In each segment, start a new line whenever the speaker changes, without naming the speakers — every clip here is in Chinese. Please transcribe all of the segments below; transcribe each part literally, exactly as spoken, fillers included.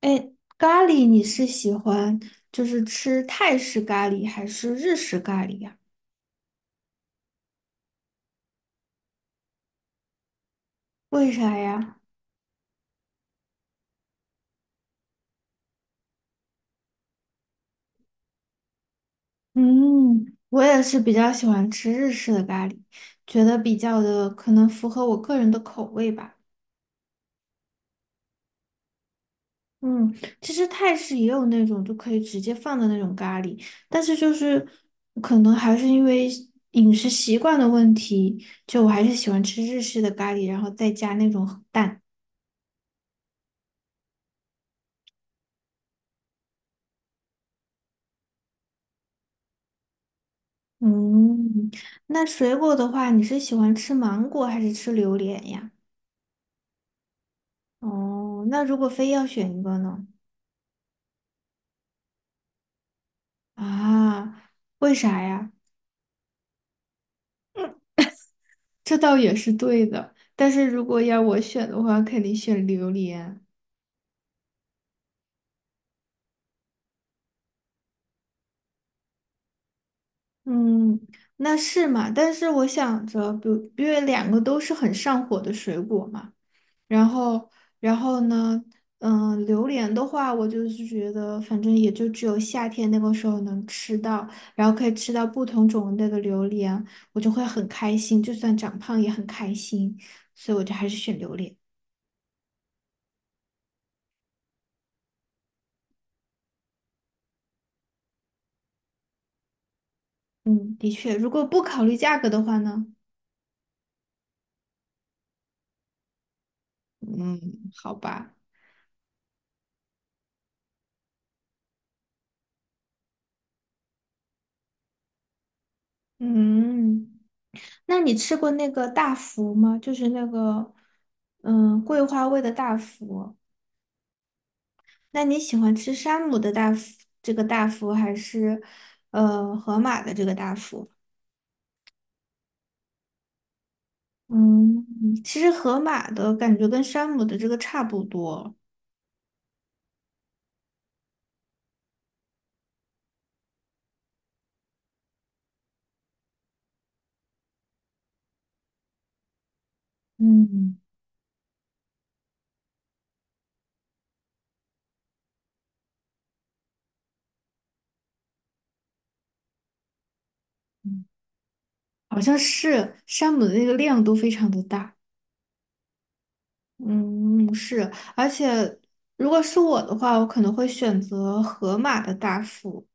哎，咖喱你是喜欢就是吃泰式咖喱还是日式咖喱呀？为啥呀？嗯，我也是比较喜欢吃日式的咖喱，觉得比较的可能符合我个人的口味吧。嗯，其实泰式也有那种就可以直接放的那种咖喱，但是就是可能还是因为饮食习惯的问题，就我还是喜欢吃日式的咖喱，然后再加那种蛋。嗯，那水果的话，你是喜欢吃芒果还是吃榴莲呀？哦，那如果非要选一个呢？啊，为啥呀？这倒也是对的，但是如果要我选的话，肯定选榴莲。嗯，那是嘛？但是我想着，比如因为两个都是很上火的水果嘛。然后，然后呢，嗯，榴莲的话，我就是觉得，反正也就只有夏天那个时候能吃到，然后可以吃到不同种类的榴莲，我就会很开心，就算长胖也很开心，所以我就还是选榴莲。嗯，的确，如果不考虑价格的话呢，嗯，好吧，嗯，那你吃过那个大福吗？就是那个，嗯，桂花味的大福。那你喜欢吃山姆的大福，这个大福还是呃河马的这个大福？嗯，其实河马的感觉跟山姆的这个差不多，嗯嗯，好像是山姆的那个量都非常的大。嗯，是，而且如果是我的话，我可能会选择盒马的大福。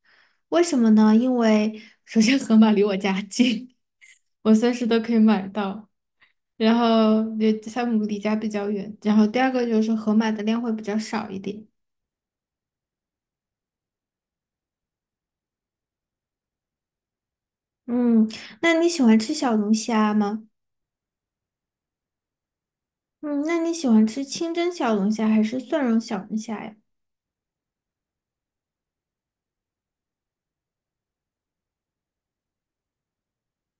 为什么呢？因为首先盒马离我家近，我随时都可以买到。然后也山姆离家比较远，然后第二个就是盒马的量会比较少一点。嗯，那你喜欢吃小龙虾吗？嗯，那你喜欢吃清蒸小龙虾还是蒜蓉小龙虾呀？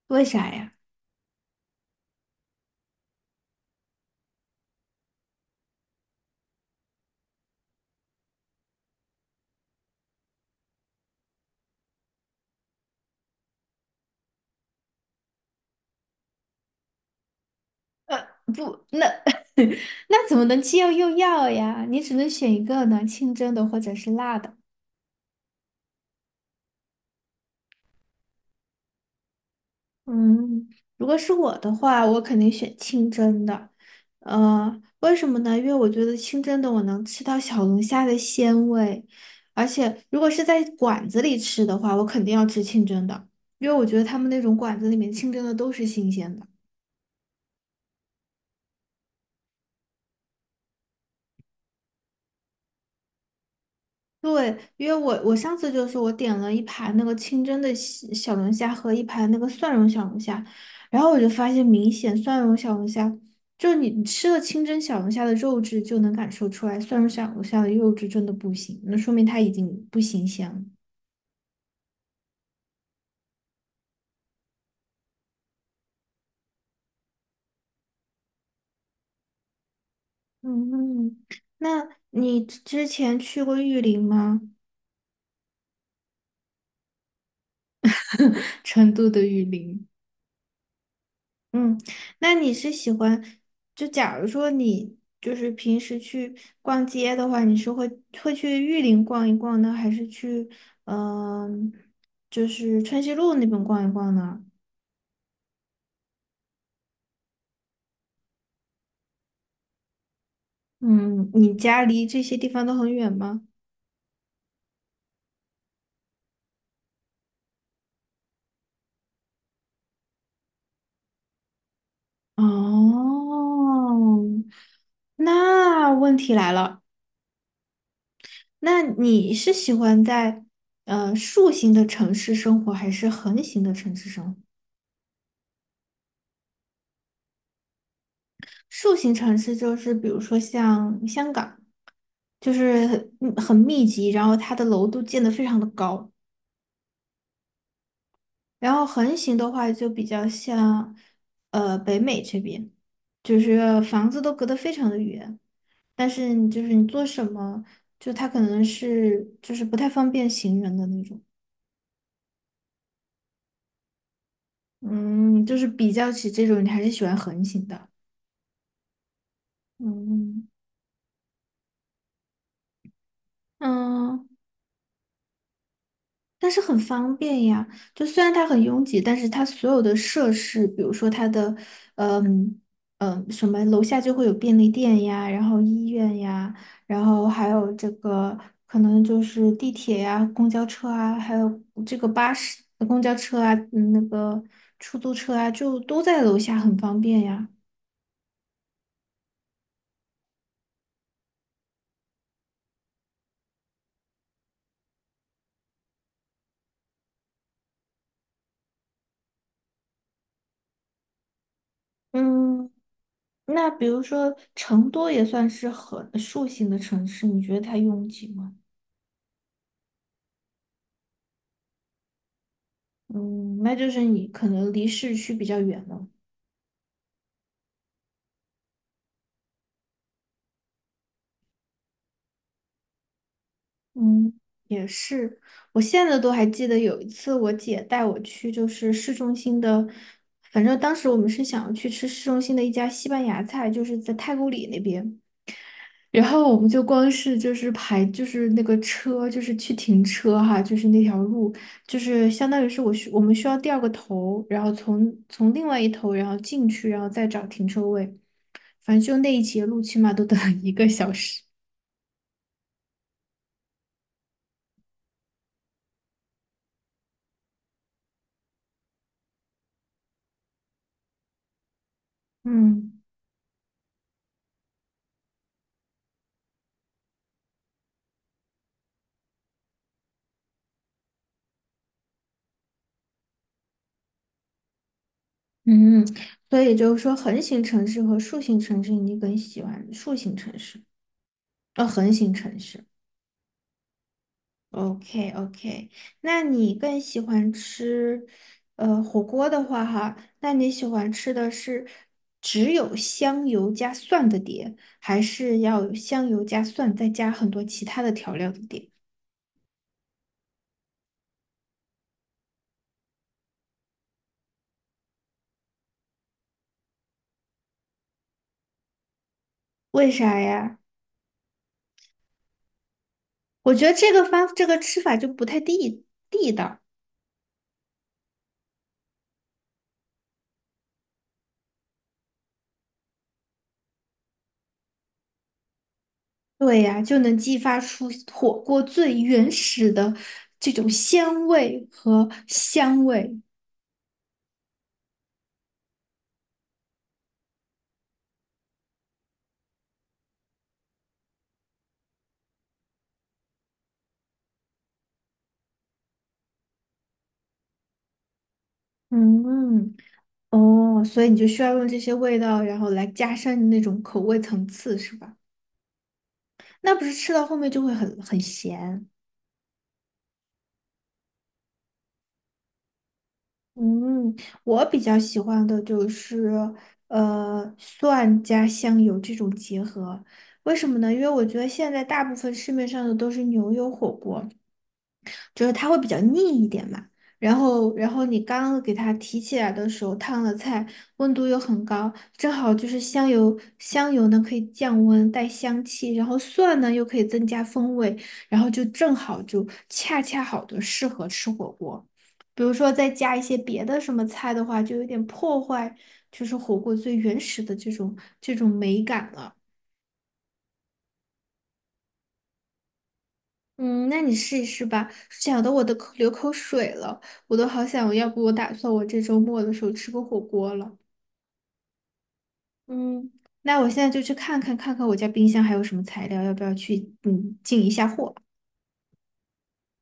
为啥呀？不，那 那怎么能既要又要呀？你只能选一个呢，清蒸的或者是辣的。嗯，如果是我的话，我肯定选清蒸的。呃，为什么呢？因为我觉得清蒸的我能吃到小龙虾的鲜味，而且如果是在馆子里吃的话，我肯定要吃清蒸的，因为我觉得他们那种馆子里面清蒸的都是新鲜的。对，因为我我上次就是我点了一盘那个清蒸的西小龙虾和一盘那个蒜蓉小龙虾，然后我就发现明显蒜蓉小龙虾，就是你你吃了清蒸小龙虾的肉质就能感受出来，蒜蓉小龙虾的肉质真的不行，那说明它已经不新鲜了。嗯，那你之前去过玉林吗？成都的玉林。嗯，那你是喜欢，就假如说你就是平时去逛街的话，你是会会去玉林逛一逛呢，还是去嗯、就是春熙路那边逛一逛呢？嗯，你家离这些地方都很远吗？哦，那问题来了，那你是喜欢在呃竖形的城市生活，还是横形的城市生活？竖形城市就是比如说像香港。就是很嗯很密集，然后它的楼都建得非常的高。然后横行的话，就比较像呃北美这边，就是房子都隔得非常的远，但是你就是你做什么，就它可能是就是不太方便行人的那种。嗯，就是比较起这种，你还是喜欢横行的。嗯嗯。但是很方便呀，就虽然它很拥挤，但是它所有的设施，比如说它的，嗯嗯，什么楼下就会有便利店呀，然后医院呀，然后还有这个可能就是地铁呀、公交车啊，还有这个巴士、公交车啊，嗯那个出租车啊，就都在楼下，很方便呀。嗯，那比如说成都也算是很树形的城市，你觉得它拥挤吗？嗯，那就是你可能离市区比较远了。嗯，也是，我现在都还记得有一次我姐带我去，就是市中心的，反正当时我们是想要去吃市中心的一家西班牙菜，就是在太古里那边。然后我们就光是就是排就是那个车就是去停车哈，就是那条路，就是相当于是我需我们需要掉个头，然后从从另外一头然后进去，然后再找停车位。反正就那一节路，起码都等了一个小时。嗯嗯，所以就是说，横型城市和竖型城市，你更喜欢竖型城市，呃，横型城市。OK OK，那你更喜欢吃，呃，火锅的话哈，那你喜欢吃的是只有香油加蒜的碟，还是要有香油加蒜再加很多其他的调料的碟？为啥呀？我觉得这个方这个吃法就不太地地道。对呀，就能激发出火锅最原始的这种鲜味和香味。嗯，哦，所以你就需要用这些味道，然后来加深那种口味层次，是吧？那不是吃到后面就会很很咸。嗯，我比较喜欢的就是呃蒜加香油这种结合，为什么呢？因为我觉得现在大部分市面上的都是牛油火锅。就是它会比较腻一点嘛。然后，然后你刚给它提起来的时候，烫了菜，温度又很高，正好就是香油，香油呢可以降温带香气，然后蒜呢又可以增加风味，然后就正好就恰恰好的适合吃火锅。比如说再加一些别的什么菜的话，就有点破坏，就是火锅最原始的这种这种美感了。嗯，那你试一试吧。讲的我都口流口水了，我都好想，要不我打算我这周末的时候吃个火锅了。嗯，那我现在就去看看看看我家冰箱还有什么材料，要不要去嗯进一下货。